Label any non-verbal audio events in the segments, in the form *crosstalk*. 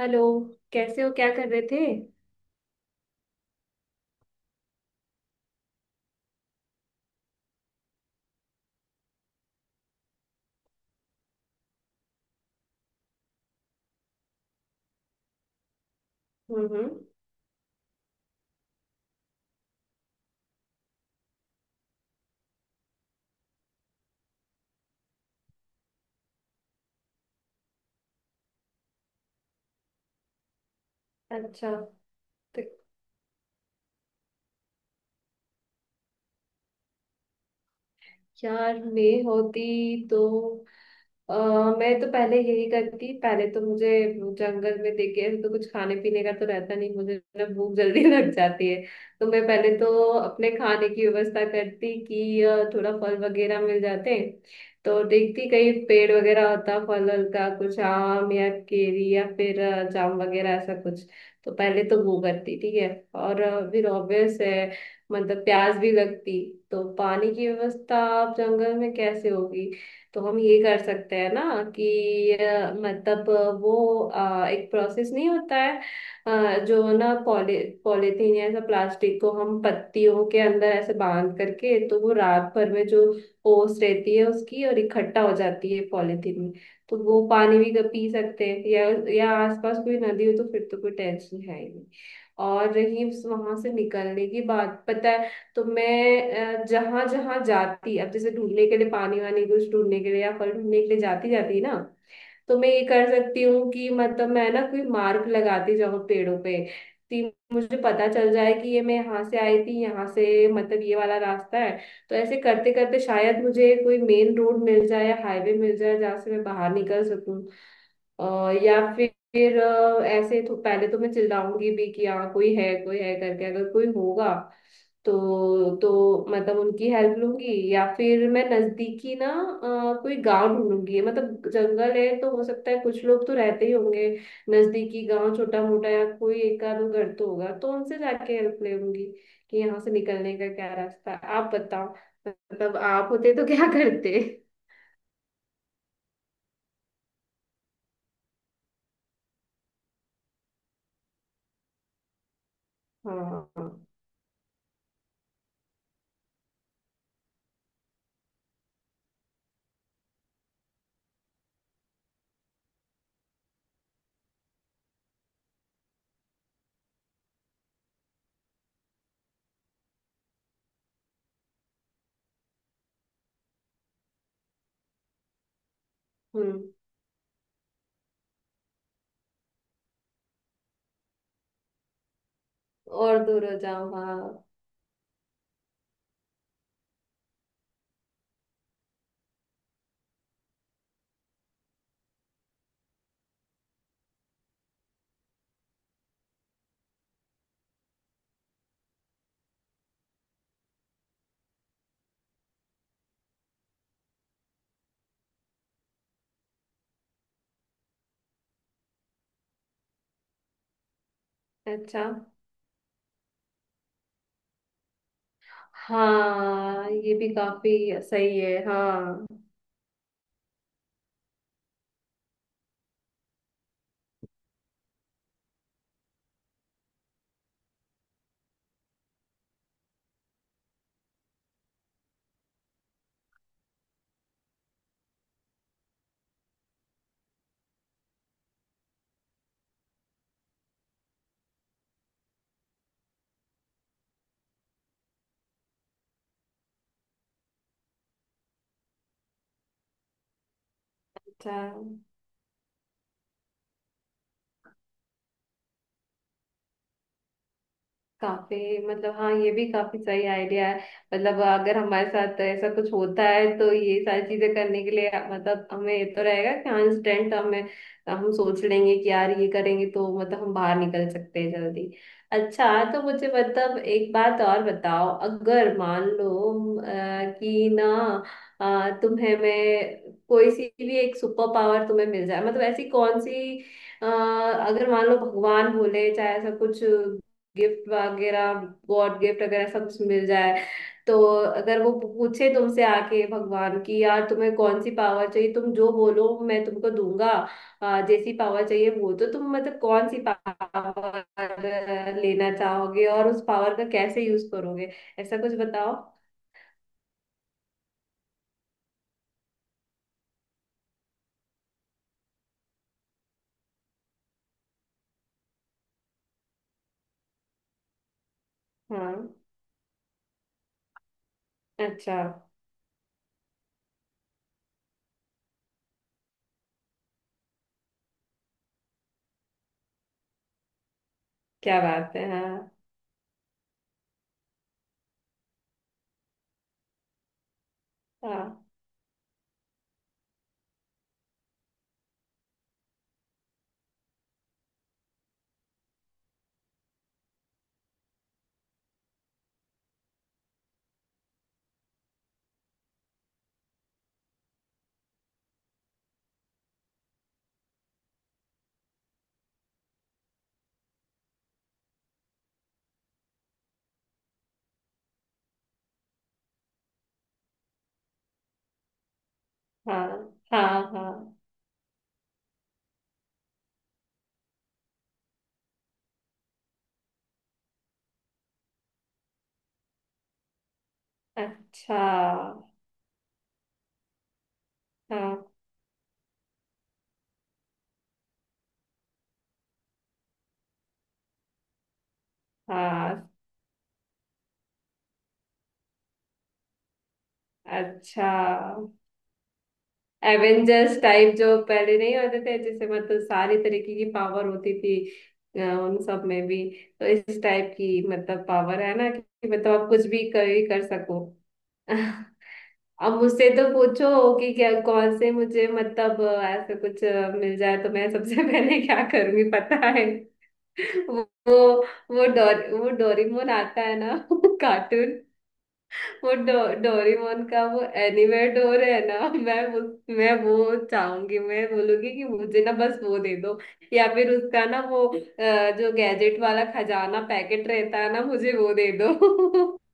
Hello. कैसे हो, क्या कर रहे थे? हम्म। अच्छा। तो यार मैं होती तो अ, मैं तो पहले यही करती। पहले तो मुझे जंगल में देखे ऐसे तो कुछ खाने पीने का तो रहता नहीं, मुझे ना भूख जल्दी *laughs* लग जाती है। तो मैं पहले तो अपने खाने की व्यवस्था करती कि थोड़ा फल वगैरह मिल जाते। तो देखती कहीं पेड़ वगैरह होता, फल वल का कुछ आम या केरी या फिर जाम वगैरह ऐसा कुछ। तो पहले तो वो करती, ठीक है। और फिर ऑब्वियस है, मतलब प्यास भी लगती। तो पानी की व्यवस्था आप जंगल में कैसे होगी? तो हम ये कर सकते हैं ना कि मतलब वो एक प्रोसेस नहीं होता है, जो ना पॉली, पॉलीथीन या ऐसा प्लास्टिक को हम पत्तियों के अंदर ऐसे बांध करके, तो वो रात भर में जो ओस रहती है उसकी और इकट्ठा हो जाती है पॉलीथीन में। तो वो पानी भी पी सकते हैं। या आसपास कोई नदी हो तो फिर तो कोई टेंशन है ही नहीं। और रही उस वहां से निकलने की बात, पता है, तो मैं जहां जहां जाती, अब जैसे ढूंढने के लिए पानी वानी कुछ ढूंढने के लिए या फल ढूंढने के लिए जाती जाती ना, तो मैं ये कर सकती हूँ कि मतलब मैं ना कोई मार्क लगाती जाऊँ पेड़ों पे कि मुझे पता चल जाए कि ये मैं यहाँ से आई थी, यहाँ से मतलब ये वाला रास्ता है। तो ऐसे करते करते शायद मुझे कोई मेन रोड मिल जाए या हाईवे मिल जाए जहाँ से मैं बाहर निकल सकूँ। अ, या फिर ऐसे तो पहले तो मैं चिल्लाऊंगी भी कि हाँ कोई है करके। अगर कोई होगा तो मतलब उनकी हेल्प लूंगी। या फिर मैं नजदीकी ना कोई गांव ढूंढूंगी। मतलब जंगल है तो हो सकता है कुछ लोग तो रहते ही होंगे। नजदीकी गांव छोटा मोटा या कोई एक आध घर तो होगा तो उनसे जाके हेल्प ले लूंगी कि यहाँ से निकलने का क्या रास्ता है। आप बताओ, मतलब आप होते तो क्या *laughs* करते? हाँ हाँ। हम्म। और दूर हो जाओ, हाँ। अच्छा। हाँ ये भी काफी सही है, हाँ। अच्छा। काफी मतलब, हाँ, ये भी काफी सही आइडिया है। मतलब अगर हमारे साथ ऐसा कुछ होता है तो ये सारी चीजें करने के लिए, मतलब हमें ये तो रहेगा कि हाँ इंस्टेंट हमें, हम सोच लेंगे कि यार ये करेंगे तो मतलब हम बाहर निकल सकते हैं जल्दी। अच्छा तो मुझे मतलब एक बात और बताओ। अगर मान लो कि ना, तुम्हें मैं कोई सी भी एक सुपर पावर तुम्हें मिल जाए, मतलब ऐसी कौन सी, अगर मान लो भगवान बोले चाहे ऐसा कुछ गिफ्ट वगैरह, गॉड गिफ्ट वगैरह सब कुछ मिल जाए। तो अगर वो पूछे तुमसे आके भगवान की, यार तुम्हें कौन सी पावर चाहिए, तुम जो बोलो मैं तुमको दूंगा, जैसी पावर चाहिए वो, तो तुम मतलब कौन सी पावर लेना चाहोगे और उस पावर का कैसे यूज करोगे, ऐसा कुछ बताओ। हाँ। अच्छा। क्या बात है, हाँ। हाँ हाँ। हाँ हाँ। अच्छा। हाँ हाँ। अच्छा। एवेंजर्स टाइप जो पहले नहीं होते थे, जैसे मतलब सारी तरीके की पावर होती थी, उन सब में भी। तो इस टाइप की मतलब पावर है ना कि मतलब आप कुछ भी कर सको। *laughs* अब मुझसे तो पूछो कि क्या कौन से मुझे मतलब ऐसा कुछ मिल जाए तो मैं सबसे *laughs* पहले क्या करूंगी पता है। *laughs* वो वो वो डोर, वो डोरेमोन आता है ना, *laughs* कार्टून। वो डो, डोरेमोन का वो एनीवेयर डोर है ना, मैं उस, मैं वो चाहूंगी। मैं बोलूंगी कि मुझे ना बस वो दे दो। या फिर उसका ना वो जो गैजेट वाला खजाना पैकेट रहता है ना, मुझे वो दे दो। *laughs*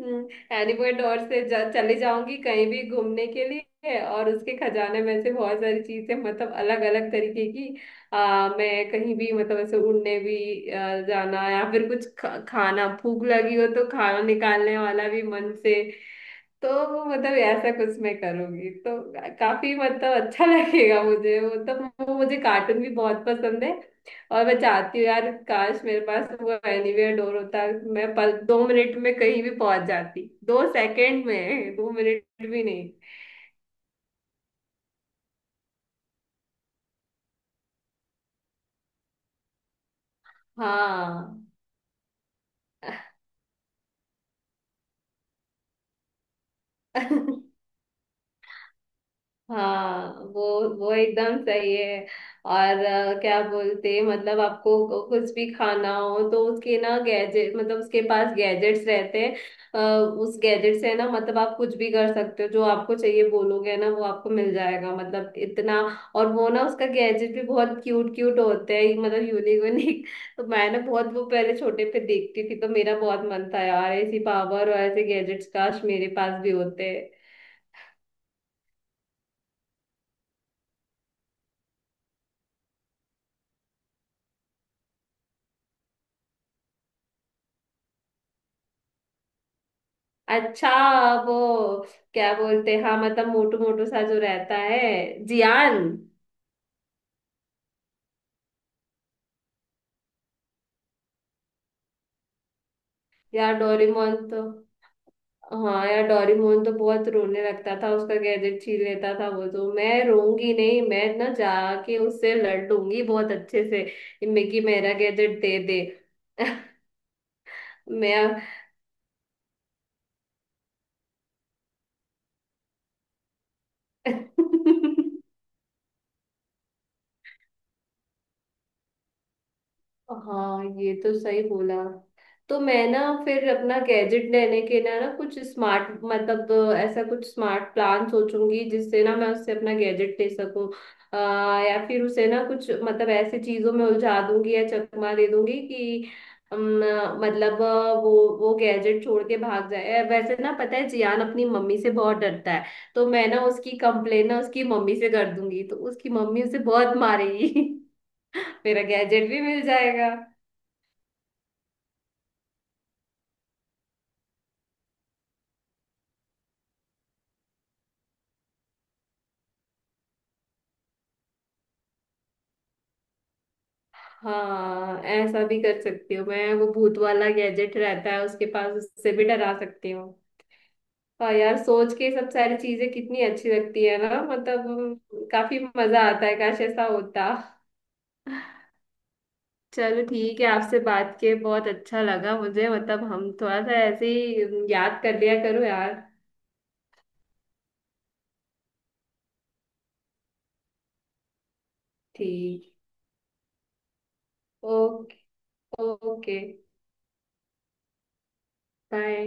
एनीवे डोर से चली जाऊंगी कहीं भी घूमने के लिए, और उसके खजाने में से बहुत सारी चीजें मतलब अलग अलग तरीके की, मैं कहीं भी मतलब ऐसे उड़ने भी जाना, या फिर कुछ खाना, भूख लगी हो तो खाना निकालने वाला भी मन से। तो वो मतलब ऐसा कुछ मैं करूंगी तो काफी मतलब अच्छा *laughs* लगेगा मुझे। वो तो वो मुझे कार्टून भी बहुत पसंद है। और मैं चाहती हूँ यार, काश मेरे पास वो एनीवेयर डोर होता, मैं पल दो मिनट में कहीं भी पहुंच जाती, दो सेकंड में, दो मिनट भी नहीं। हाँ। *laughs* हाँ वो एकदम सही है। और क्या बोलते हैं, मतलब आपको कुछ भी खाना हो तो उसके ना गैजेट, मतलब उसके पास गैजेट्स रहते हैं, अ, उस गैजेट से ना मतलब आप कुछ भी कर सकते हो, जो आपको चाहिए बोलोगे ना वो आपको मिल जाएगा, मतलब इतना। और वो ना उसका गैजेट भी बहुत क्यूट क्यूट होते हैं, मतलब यूनिक यूनिक। तो मैं ना बहुत वो पहले छोटे पे देखती थी तो मेरा बहुत मन था यार, ऐसी पावर और ऐसे गैजेट्स काश मेरे पास भी होते। अच्छा। वो क्या बोलते हैं, हाँ, मतलब मोटू मोटू सा जो रहता है, जियान। यार डोरेमोन तो, हाँ यार डोरेमोन तो बहुत रोने लगता था उसका गैजेट छीन लेता था वो तो। मैं रोऊंगी नहीं, मैं ना जाके उससे लड़ लूंगी बहुत अच्छे से कि मेरा गैजेट दे दे। *laughs* मैं *laughs* हाँ ये तो सही बोला। तो मैं ना फिर अपना गैजेट लेने के ना ना कुछ स्मार्ट मतलब ऐसा कुछ स्मार्ट प्लान सोचूंगी जिससे ना मैं उससे अपना गैजेट ले सकूं। अ, या फिर उसे ना कुछ मतलब ऐसी चीजों में उलझा दूंगी या चकमा दे दूंगी कि अम, मतलब वो गैजेट छोड़ के भाग जाए। वैसे ना पता है जियान अपनी मम्मी से बहुत डरता है, तो मैं ना उसकी कंप्लेन ना उसकी मम्मी से कर दूंगी तो उसकी मम्मी उसे बहुत मारेगी। *laughs* मेरा गैजेट भी मिल जाएगा। हाँ ऐसा भी कर सकती हूँ मैं। वो भूत वाला गैजेट रहता है उसके पास, उससे भी डरा सकती हूँ। हाँ यार सोच के ये सब सारी चीजें कितनी अच्छी लगती है ना, मतलब काफी मजा आता है, काश ऐसा होता। चलो ठीक है, आपसे बात के बहुत अच्छा लगा मुझे, मतलब हम थोड़ा सा ऐसे ही याद कर लिया करो यार। ठीक। ओके। Okay, bye.